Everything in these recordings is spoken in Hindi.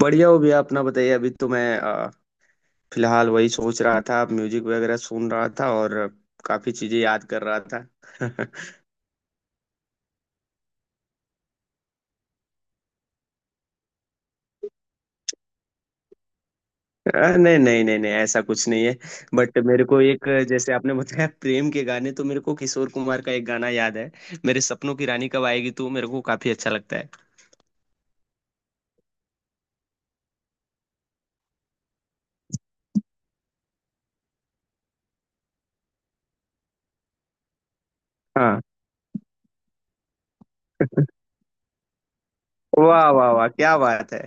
बढ़िया हो भैया। अपना बताइए। अभी तो मैं फिलहाल वही सोच रहा था, म्यूजिक वगैरह सुन रहा था और काफी चीजें याद कर रहा था। अ, नहीं नहीं नहीं नहीं, ऐसा कुछ नहीं है। बट मेरे को एक, जैसे आपने बताया प्रेम के गाने, तो मेरे को किशोर कुमार का एक गाना याद है। मेरे सपनों की रानी कब आएगी तू, मेरे को काफी अच्छा लगता है। हाँ। वाह वाह वाह, क्या बात है।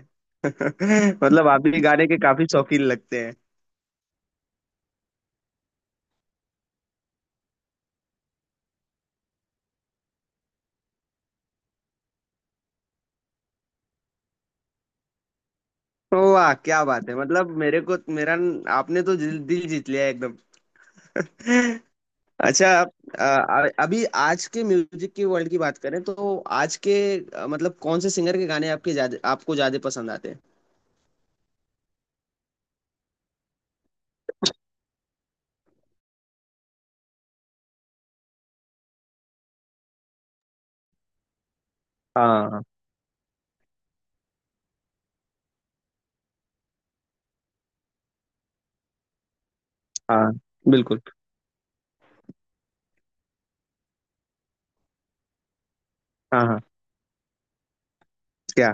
मतलब आप भी गाने के काफी शौकीन लगते हैं। वाह क्या बात है। मतलब मेरे को मेरा आपने तो दिल जीत लिया एकदम। अच्छा आप, अभी आज के म्यूजिक की वर्ल्ड की बात करें तो आज के, मतलब कौन से सिंगर के गाने आपके ज्यादा, आपको ज्यादा पसंद आते हैं। हाँ हाँ। बिल्कुल। हाँ हाँ। क्या।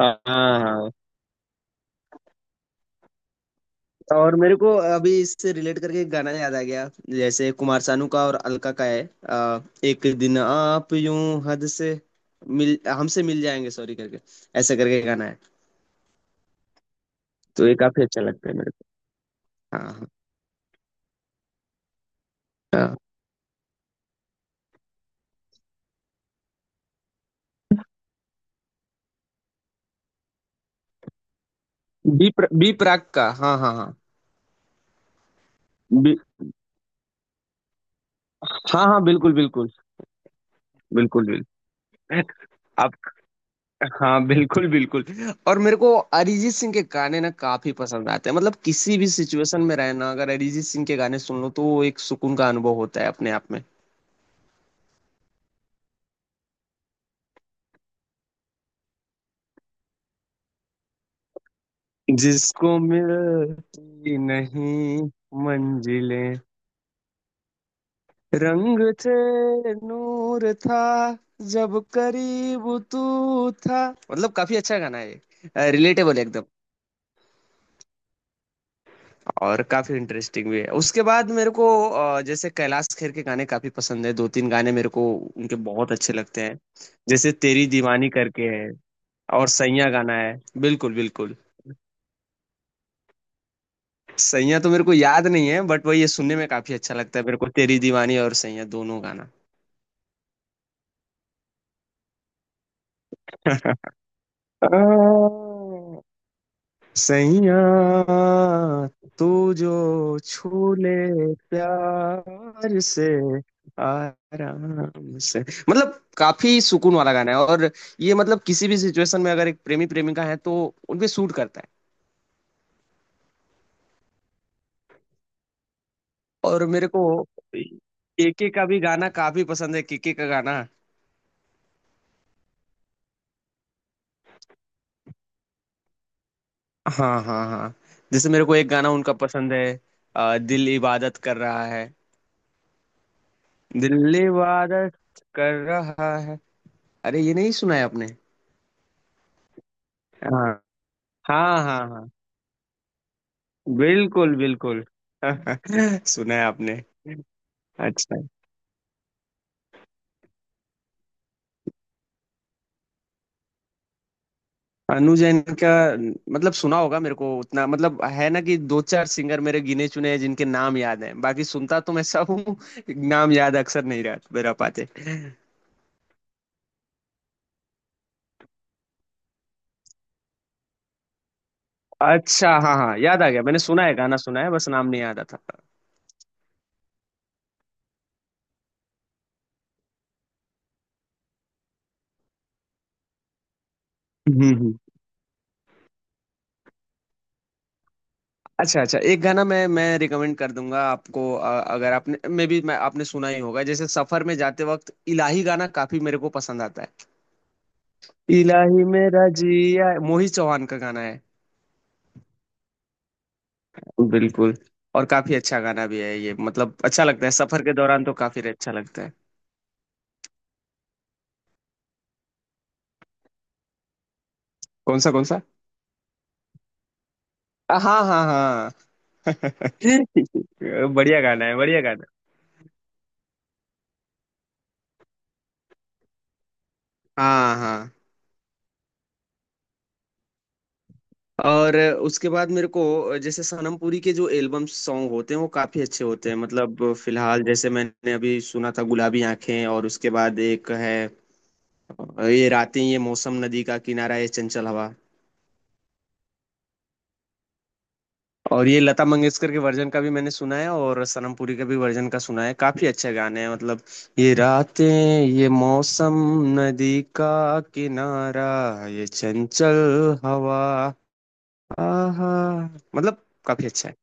हाँ हाँ। और मेरे को अभी इससे रिलेट करके एक गाना याद आ गया। जैसे कुमार सानू का और अलका का है, एक दिन आप यूं हद से मिल हमसे मिल जाएंगे सॉरी करके, ऐसा करके गाना है। तो ये काफी अच्छा लगता है मेरे को। हाँ हाँ हाँ। बी प्राक का। हाँ हाँ हाँ। हाँ हाँ बिल्कुल बिल्कुल। बिल्कुल। बिल्कुल आप। हाँ बिल्कुल बिल्कुल। और मेरे को अरिजीत सिंह के गाने ना काफी पसंद आते हैं। मतलब किसी भी सिचुएशन में रहना, अगर अरिजीत सिंह के गाने सुन लो तो वो एक सुकून का अनुभव होता है अपने आप में। जिसको मिलती नहीं मंजिलें। रंग थे नूर था जब करीब तू था। मतलब काफी अच्छा गाना है। रिलेटेबल एकदम। और काफी इंटरेस्टिंग भी है। उसके बाद मेरे को, जैसे कैलाश खेर के गाने काफी पसंद है। दो तीन गाने मेरे को उनके बहुत अच्छे लगते हैं। जैसे तेरी दीवानी करके है, और सैया गाना है। बिल्कुल बिल्कुल। सैया तो मेरे को याद नहीं है, बट वही ये सुनने में काफी अच्छा लगता है मेरे को, तेरी दीवानी और सैया दोनों गाना। सैया तू जो छू ले प्यार से आराम से। मतलब काफी सुकून वाला गाना है। और ये मतलब किसी भी सिचुएशन में अगर एक प्रेमी प्रेमिका है तो उनपे सूट करता है। और मेरे को केके का भी गाना काफी पसंद है। केके का गाना, हाँ हाँ हाँ, जैसे मेरे को एक गाना उनका पसंद है, दिल इबादत कर रहा है। दिल इबादत कर रहा है, अरे ये नहीं सुना है आपने? हाँ हाँ हाँ। बिल्कुल बिल्कुल। सुना है आपने? अच्छा। अनु जैन का, मतलब सुना होगा, मेरे को उतना मतलब है ना कि दो चार सिंगर मेरे गिने चुने हैं जिनके नाम याद हैं, बाकी सुनता तो मैं सब हूँ, नाम याद अक्सर नहीं रह मेरा पाते। अच्छा हाँ हाँ याद आ गया। मैंने सुना है गाना, सुना है, बस नाम नहीं याद आता। हम्म हम्म। अच्छा अच्छा, एक गाना मैं रिकमेंड कर दूंगा आपको, अगर आपने मे भी मैं आपने सुना ही होगा, जैसे सफर में जाते वक्त इलाही गाना काफी मेरे को पसंद आता है। इलाही मेरा जिया, मोहित चौहान का गाना है। बिल्कुल। और काफी अच्छा गाना भी है ये। मतलब अच्छा लगता है सफर के दौरान, तो काफी अच्छा लगता है। कौन सा कौन सा? हाँ हाँ हाँ। बढ़िया गाना है, बढ़िया गाना है। हाँ हाँ। और उसके बाद मेरे को, जैसे सनम पुरी के जो एल्बम सॉन्ग होते हैं वो काफी अच्छे होते हैं। मतलब फिलहाल जैसे मैंने अभी सुना था गुलाबी आंखें, और उसके बाद एक है ये रातें ये मौसम नदी का किनारा ये चंचल हवा। और ये लता मंगेशकर के वर्जन का भी मैंने सुना है, और सनम पुरी के भी वर्जन का सुना है। काफी अच्छे गाने हैं मतलब। ये रातें ये मौसम नदी का किनारा ये चंचल हवा, आहा। मतलब काफी अच्छा है।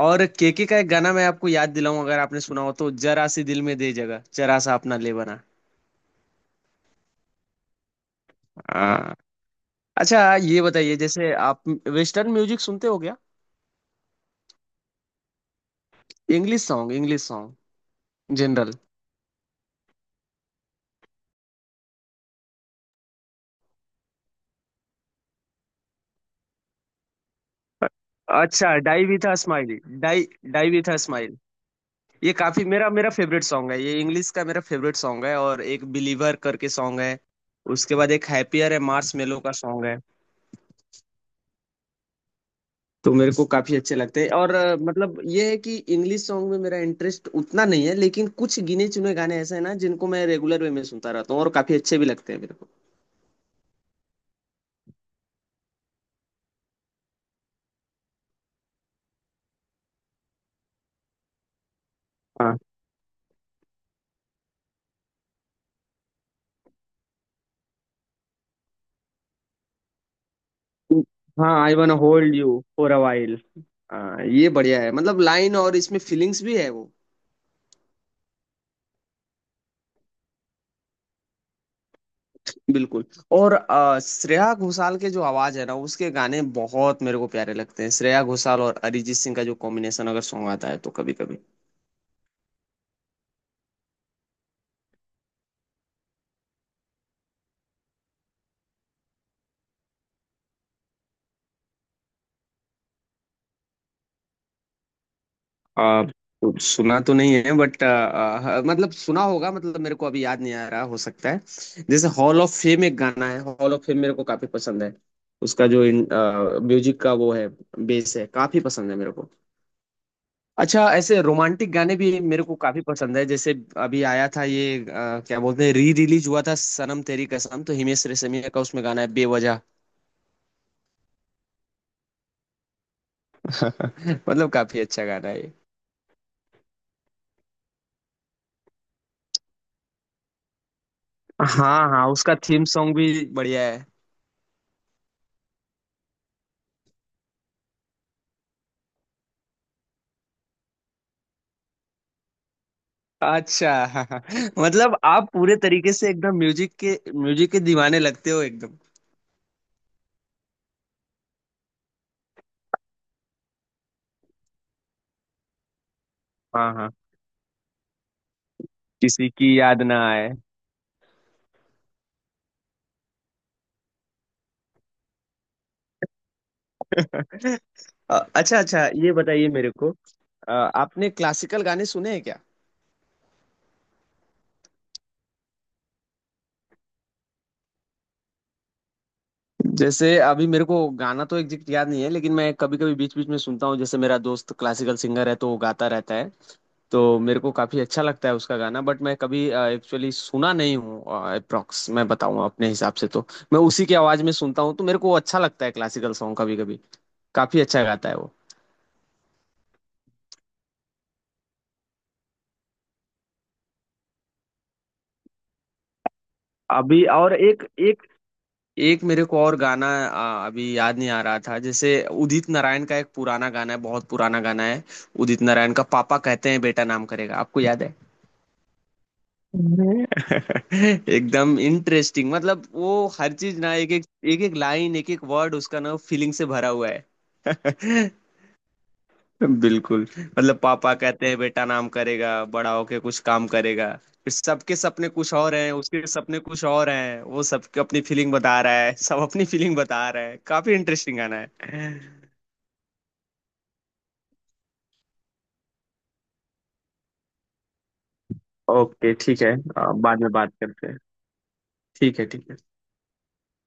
और केके का एक गाना मैं आपको याद दिलाऊं अगर आपने सुना हो तो, जरा सी दिल में दे जगह जरा सा अपना ले बना। आ, अच्छा ये बताइए, जैसे आप वेस्टर्न म्यूजिक सुनते हो क्या? English song general. अच्छा die with a smile. Die, die with a smile. ये काफी मेरा मेरा फेवरेट सॉन्ग है, ये इंग्लिश का मेरा फेवरेट सॉन्ग है। और एक बिलीवर करके सॉन्ग है। उसके बाद एक हैप्पियर है, मार्स मेलो का सॉन्ग है। तो मेरे को काफी अच्छे लगते हैं। और मतलब ये है कि इंग्लिश सॉन्ग में मेरा इंटरेस्ट उतना नहीं है, लेकिन कुछ गिने चुने गाने ऐसे हैं ना जिनको मैं रेगुलर वे में सुनता रहता हूँ, और काफी अच्छे भी लगते हैं मेरे को। हाँ हाँ, I wanna hold you for a while. हाँ ये बढ़िया है, मतलब लाइन और इसमें फीलिंग्स भी है वो। बिल्कुल। और श्रेया घोषाल के जो आवाज है ना उसके गाने बहुत मेरे को प्यारे लगते हैं। श्रेया घोषाल और अरिजीत सिंह का जो कॉम्बिनेशन अगर सॉन्ग आता है तो कभी कभी। अ, सुना तो नहीं है, बट मतलब सुना होगा, मतलब मेरे को अभी याद नहीं आ रहा, हो सकता है। जैसे हॉल ऑफ फेम एक गाना है, हॉल ऑफ फेम मेरे को काफी पसंद है। उसका जो म्यूजिक का वो है बेस है, काफी पसंद है मेरे को। अच्छा ऐसे रोमांटिक गाने भी मेरे को काफी पसंद है। जैसे अभी आया था ये, क्या बोलते हैं, री रिलीज हुआ था सनम तेरी कसम, तो हिमेश रेशमिया का उसमें गाना है बेवजह। मतलब काफी अच्छा गाना है ये। हाँ हाँ उसका थीम सॉन्ग भी बढ़िया है। अच्छा। मतलब आप पूरे तरीके से एकदम म्यूजिक के दीवाने लगते हो एकदम। हाँ हाँ। किसी की याद ना आए। अच्छा अच्छा ये बताइए मेरे को, आपने क्लासिकल गाने सुने हैं क्या? जैसे अभी मेरे को गाना तो एग्जैक्ट याद नहीं है, लेकिन मैं कभी कभी बीच बीच में सुनता हूँ। जैसे मेरा दोस्त क्लासिकल सिंगर है तो वो गाता रहता है, तो मेरे को काफी अच्छा लगता है उसका गाना, बट मैं कभी एक्चुअली सुना नहीं हूँ। अप्रोक्स मैं बताऊँ अपने हिसाब से तो, मैं उसी की आवाज में सुनता हूँ तो मेरे को अच्छा लगता है क्लासिकल सॉन्ग कभी कभी। काफी अच्छा गाता है वो। अभी और एक एक एक मेरे को और गाना अभी याद नहीं आ रहा था। जैसे उदित नारायण का एक पुराना गाना है, बहुत पुराना गाना है, उदित नारायण का, पापा कहते हैं बेटा नाम करेगा, आपको याद है? एकदम इंटरेस्टिंग मतलब वो हर चीज ना, एक एक लाइन एक एक वर्ड उसका ना फीलिंग से भरा हुआ है। बिल्कुल। मतलब पापा कहते हैं बेटा नाम करेगा बड़ा होके कुछ काम करेगा, फिर सबके सपने कुछ और हैं उसके सपने कुछ और हैं, वो सबके अपनी फीलिंग बता रहा है, सब अपनी फीलिंग बता रहा है। काफी इंटरेस्टिंग गाना है। ओके ठीक है, बाद में बात करते हैं। ठीक है ठीक है।